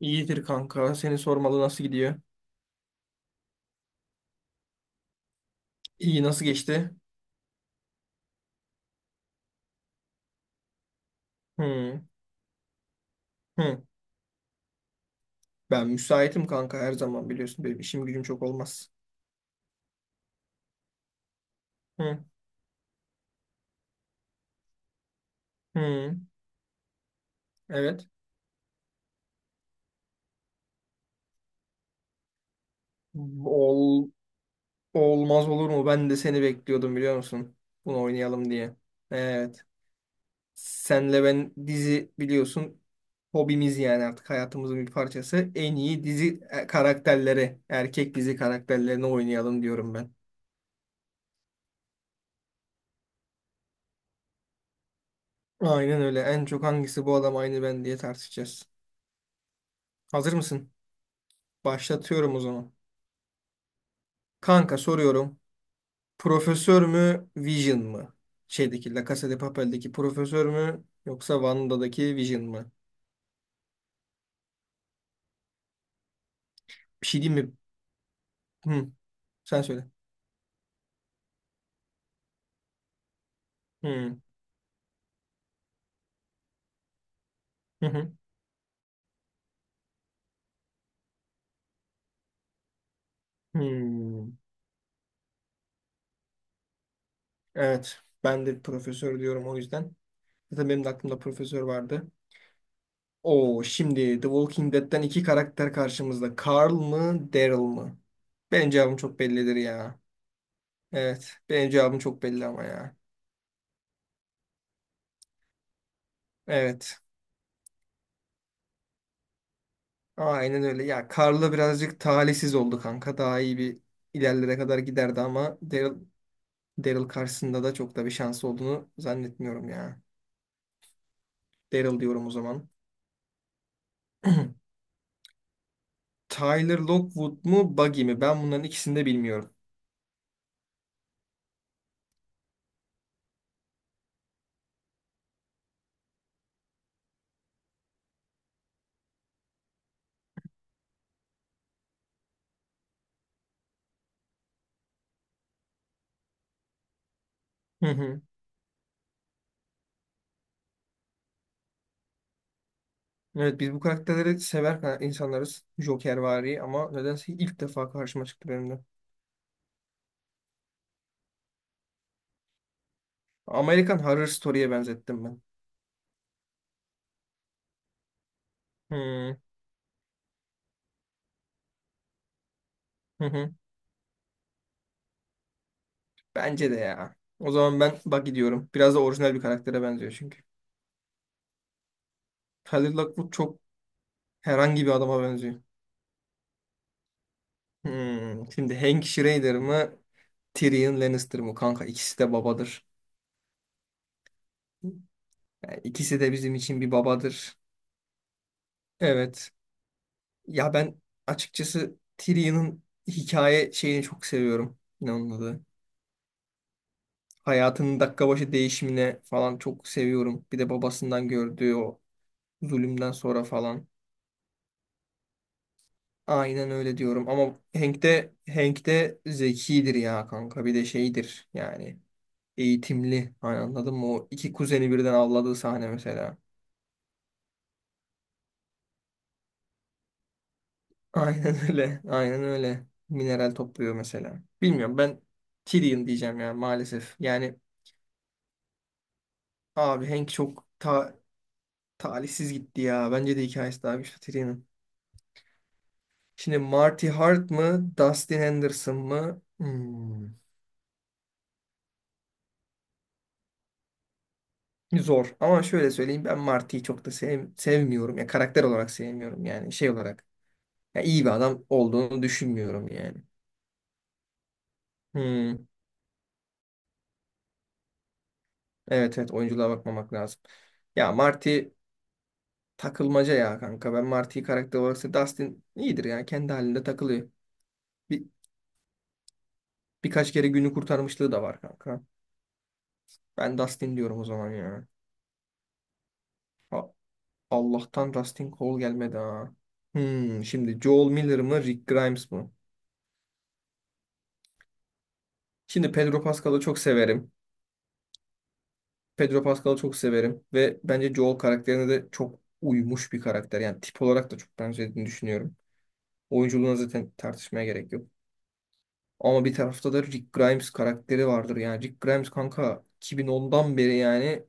İyidir kanka. Seni sormalı, nasıl gidiyor? İyi, nasıl geçti? Hı, hı. Ben müsaitim kanka, her zaman biliyorsun. Benim işim gücüm çok olmaz. Hı, hı. Evet. Ol, olmaz olur mu? Ben de seni bekliyordum, biliyor musun? Bunu oynayalım diye. Evet. Senle ben dizi biliyorsun. Hobimiz, yani artık hayatımızın bir parçası. En iyi dizi karakterleri, erkek dizi karakterlerini oynayalım diyorum ben. Aynen öyle. En çok hangisi bu adam aynı ben diye tartışacağız. Hazır mısın? Başlatıyorum o zaman. Kanka soruyorum. Profesör mü, Vision mı? Şeydeki La Casa de Papel'deki profesör mü, yoksa Wanda'daki Vision mı? Bir şey diyeyim mi? Hı, sen söyle. Hı, hı, hı, hı. Evet, ben de profesör diyorum o yüzden. Zaten benim de aklımda profesör vardı. Oo, şimdi The Walking Dead'ten iki karakter karşımızda. Carl mı, Daryl mı? Benim cevabım çok bellidir ya. Evet, benim cevabım çok belli ama ya. Evet. Aynen öyle. Ya Karla birazcık talihsiz oldu kanka. Daha iyi bir ilerlere kadar giderdi ama Daryl karşısında da çok da bir şansı olduğunu zannetmiyorum ya. Daryl diyorum o zaman. Tyler Lockwood mu, Buggy mi? Ben bunların ikisini de bilmiyorum. Hı hı. Evet, biz bu karakterleri sever insanlarız. Jokervari ama nedense ilk defa karşıma çıktı benim de. American Horror Story'ye benzettim ben. Hı hı, hı. Bence de ya. O zaman ben Buggy diyorum. Biraz da orijinal bir karaktere benziyor çünkü. Tyler Lockwood çok herhangi bir adama benziyor. Şimdi Hank Schrader mı? Tyrion Lannister mı? Kanka ikisi de babadır. Yani ikisi de bizim için bir babadır. Evet. Ya ben açıkçası Tyrion'un hikaye şeyini çok seviyorum. Ne onun adı? Hayatının dakika başı değişimine falan çok seviyorum. Bir de babasından gördüğü o zulümden sonra falan. Aynen öyle diyorum ama Hank de zekidir ya kanka, bir de şeydir yani eğitimli. Hani anladın mı? O iki kuzeni birden avladığı sahne mesela. Aynen öyle. Aynen öyle. Mineral topluyor mesela. Bilmiyorum, ben Tyrion diyeceğim ya maalesef. Yani abi Hank çok ta talihsiz gitti ya. Bence de hikayesi daha güçlü Tyrion'un. Şimdi Marty Hart mı? Dustin Henderson mı? Hmm, zor. Ama şöyle söyleyeyim, ben Marty'yi çok da sevmiyorum. Ya karakter olarak sevmiyorum yani, şey olarak. Ya iyi bir adam olduğunu düşünmüyorum yani. Hmm. Evet evet, oyunculuğa bakmamak lazım. Ya Marty takılmaca ya kanka. Ben Marty'yi karakter olarak sev- Dustin iyidir ya. Kendi halinde takılıyor. Bir, birkaç kere günü kurtarmışlığı da var kanka. Ben Dustin diyorum o zaman ya. A- Allah'tan Dustin Cole gelmedi ha. Şimdi Joel Miller mı, Rick Grimes mı? Şimdi Pedro Pascal'ı çok severim. Pedro Pascal'ı çok severim. Ve bence Joel karakterine de çok uymuş bir karakter. Yani tip olarak da çok benzediğini düşünüyorum. Oyunculuğuna zaten tartışmaya gerek yok. Ama bir tarafta da Rick Grimes karakteri vardır. Yani Rick Grimes kanka 2010'dan beri yani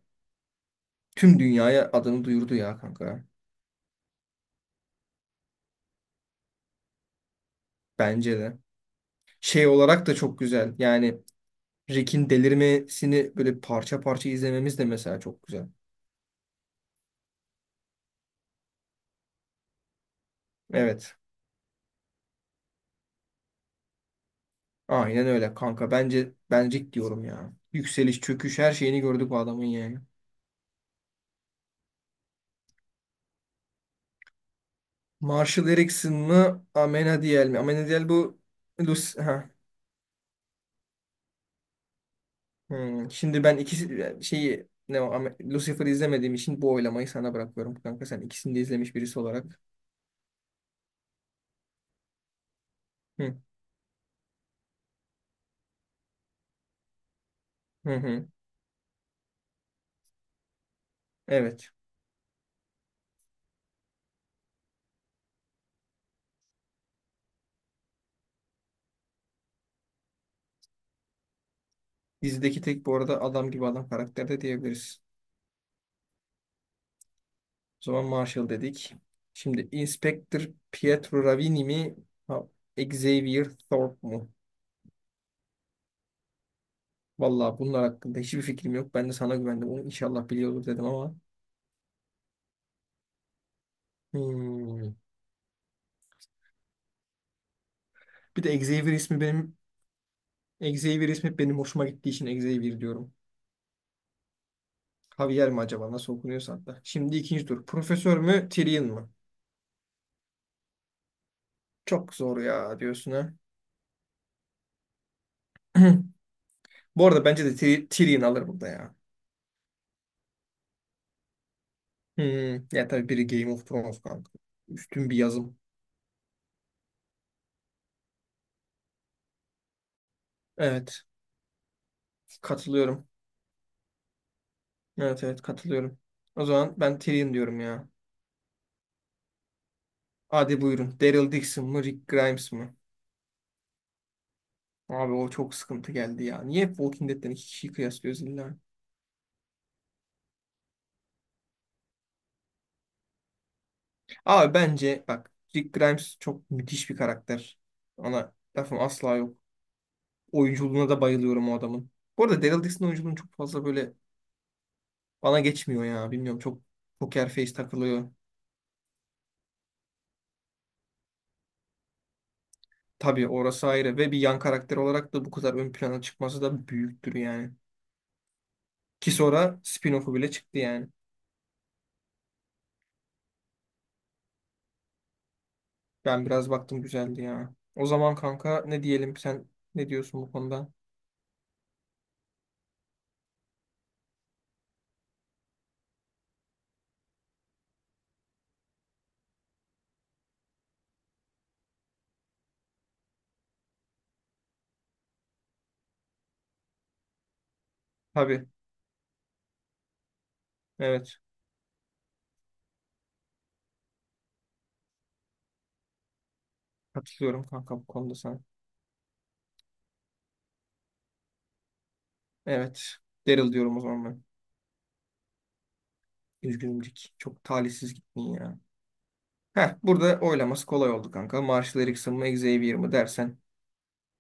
tüm dünyaya adını duyurdu ya kanka. Bence de. Şey olarak da çok güzel. Yani Rick'in delirmesini böyle parça parça izlememiz de mesela çok güzel. Evet. Aynen öyle kanka. Bence ben Rick diyorum ya. Yükseliş, çöküş, her şeyini gördük bu adamın yani. Marshall Erickson mı? Amenadiel mi? Amenadiel bu Lucy, şimdi ben ikisi şeyi ne o Lucifer'ı izlemediğim için bu oylamayı sana bırakıyorum kanka. Sen ikisini de izlemiş birisi olarak. Hı hı, hı. Evet. Dizideki tek bu arada adam gibi adam karakter de diyebiliriz. O zaman Marshall dedik. Şimdi Inspector Pietro Ravini mi? Ha, Xavier Thorpe mu? Vallahi bunlar hakkında hiçbir fikrim yok. Ben de sana güvendim. Onu inşallah biliyordur dedim ama. Hmm. Bir de Xavier ismi benim Xavier ismi benim hoşuma gittiği için Xavier diyorum. Javier mi acaba, nasıl okunuyorsa hatta. Şimdi ikinci tur. Profesör mü, Tyrion mu? Çok zor ya diyorsun ha. Bu arada bence de Tyrion alır burada ya. Ya tabii biri Game of Thrones kanka. Üstün bir yazım. Evet. Katılıyorum. Evet evet, katılıyorum. O zaman ben Tyrion diyorum ya. Hadi buyurun. Daryl Dixon mı, Rick Grimes mı? Abi o çok sıkıntı geldi ya. Niye hep Walking Dead'den iki kişiyi kıyaslıyoruz illa? Abi bence bak, Rick Grimes çok müthiş bir karakter. Ona lafım asla yok. Oyunculuğuna da bayılıyorum o adamın. Bu arada Daryl Dixon oyunculuğunu çok fazla böyle bana geçmiyor ya. Bilmiyorum, çok poker face takılıyor. Tabii orası ayrı, ve bir yan karakter olarak da bu kadar ön plana çıkması da büyüktür yani. Ki sonra spin-off'u bile çıktı yani. Ben biraz baktım, güzeldi ya. O zaman kanka ne diyelim, sen ne diyorsun bu konuda? Tabii, evet, katılıyorum kanka bu konuda sana. Evet, Daryl diyorum o zaman ben. Üzgünümcük. Çok talihsiz gittin ya. Heh, burada oylaması kolay oldu kanka. Marshall Erickson mı, Xavier mi dersen,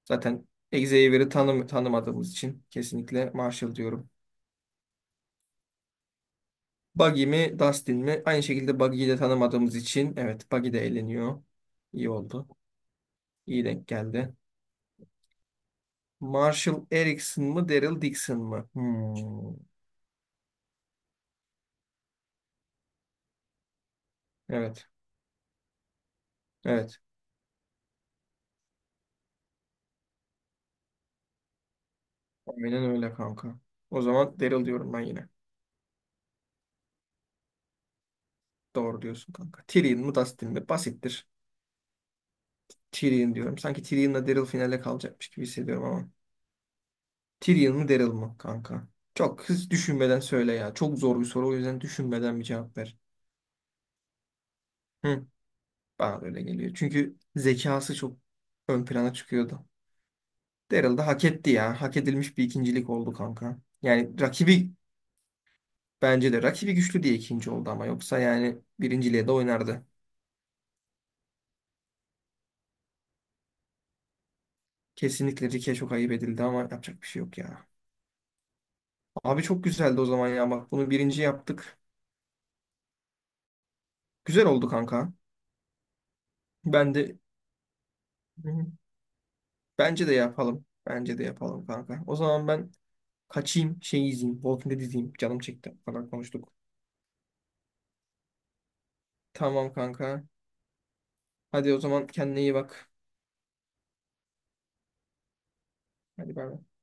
zaten Xavier'i tanımadığımız için kesinlikle Marshall diyorum. Buggy mi, Dustin mi? Aynı şekilde Buggy'yi de tanımadığımız için, evet, Buggy de eğleniyor. İyi oldu. İyi denk geldi. Marshall Erickson mı, Daryl Dixon mı? Hmm. Evet. Evet. Aynen öyle kanka. O zaman Daryl diyorum ben yine. Doğru diyorsun kanka. Tyrion mu, Dustin mi? Basittir. Tyrion diyorum. Sanki Tyrion'la Daryl finale kalacakmış gibi hissediyorum ama. Tyrion mu, Daryl mı kanka? Çok hız düşünmeden söyle ya. Çok zor bir soru, o yüzden düşünmeden bir cevap ver. Hı, bana da öyle geliyor. Çünkü zekası çok ön plana çıkıyordu. Daryl da hak etti ya. Hak edilmiş bir ikincilik oldu kanka. Yani bence de rakibi güçlü diye ikinci oldu ama yoksa yani birinciliğe de oynardı. Kesinlikle Rick'e çok ayıp edildi ama yapacak bir şey yok ya. Abi çok güzeldi o zaman ya. Bak bunu birinci yaptık. Güzel oldu kanka. Ben de. Hı hı. Bence de yapalım. Bence de yapalım kanka. O zaman ben kaçayım, şey izleyeyim. Walking Dead izleyeyim. Canım çekti falan kadar konuştuk. Tamam kanka. Hadi o zaman kendine iyi bak. Hadi bay bay.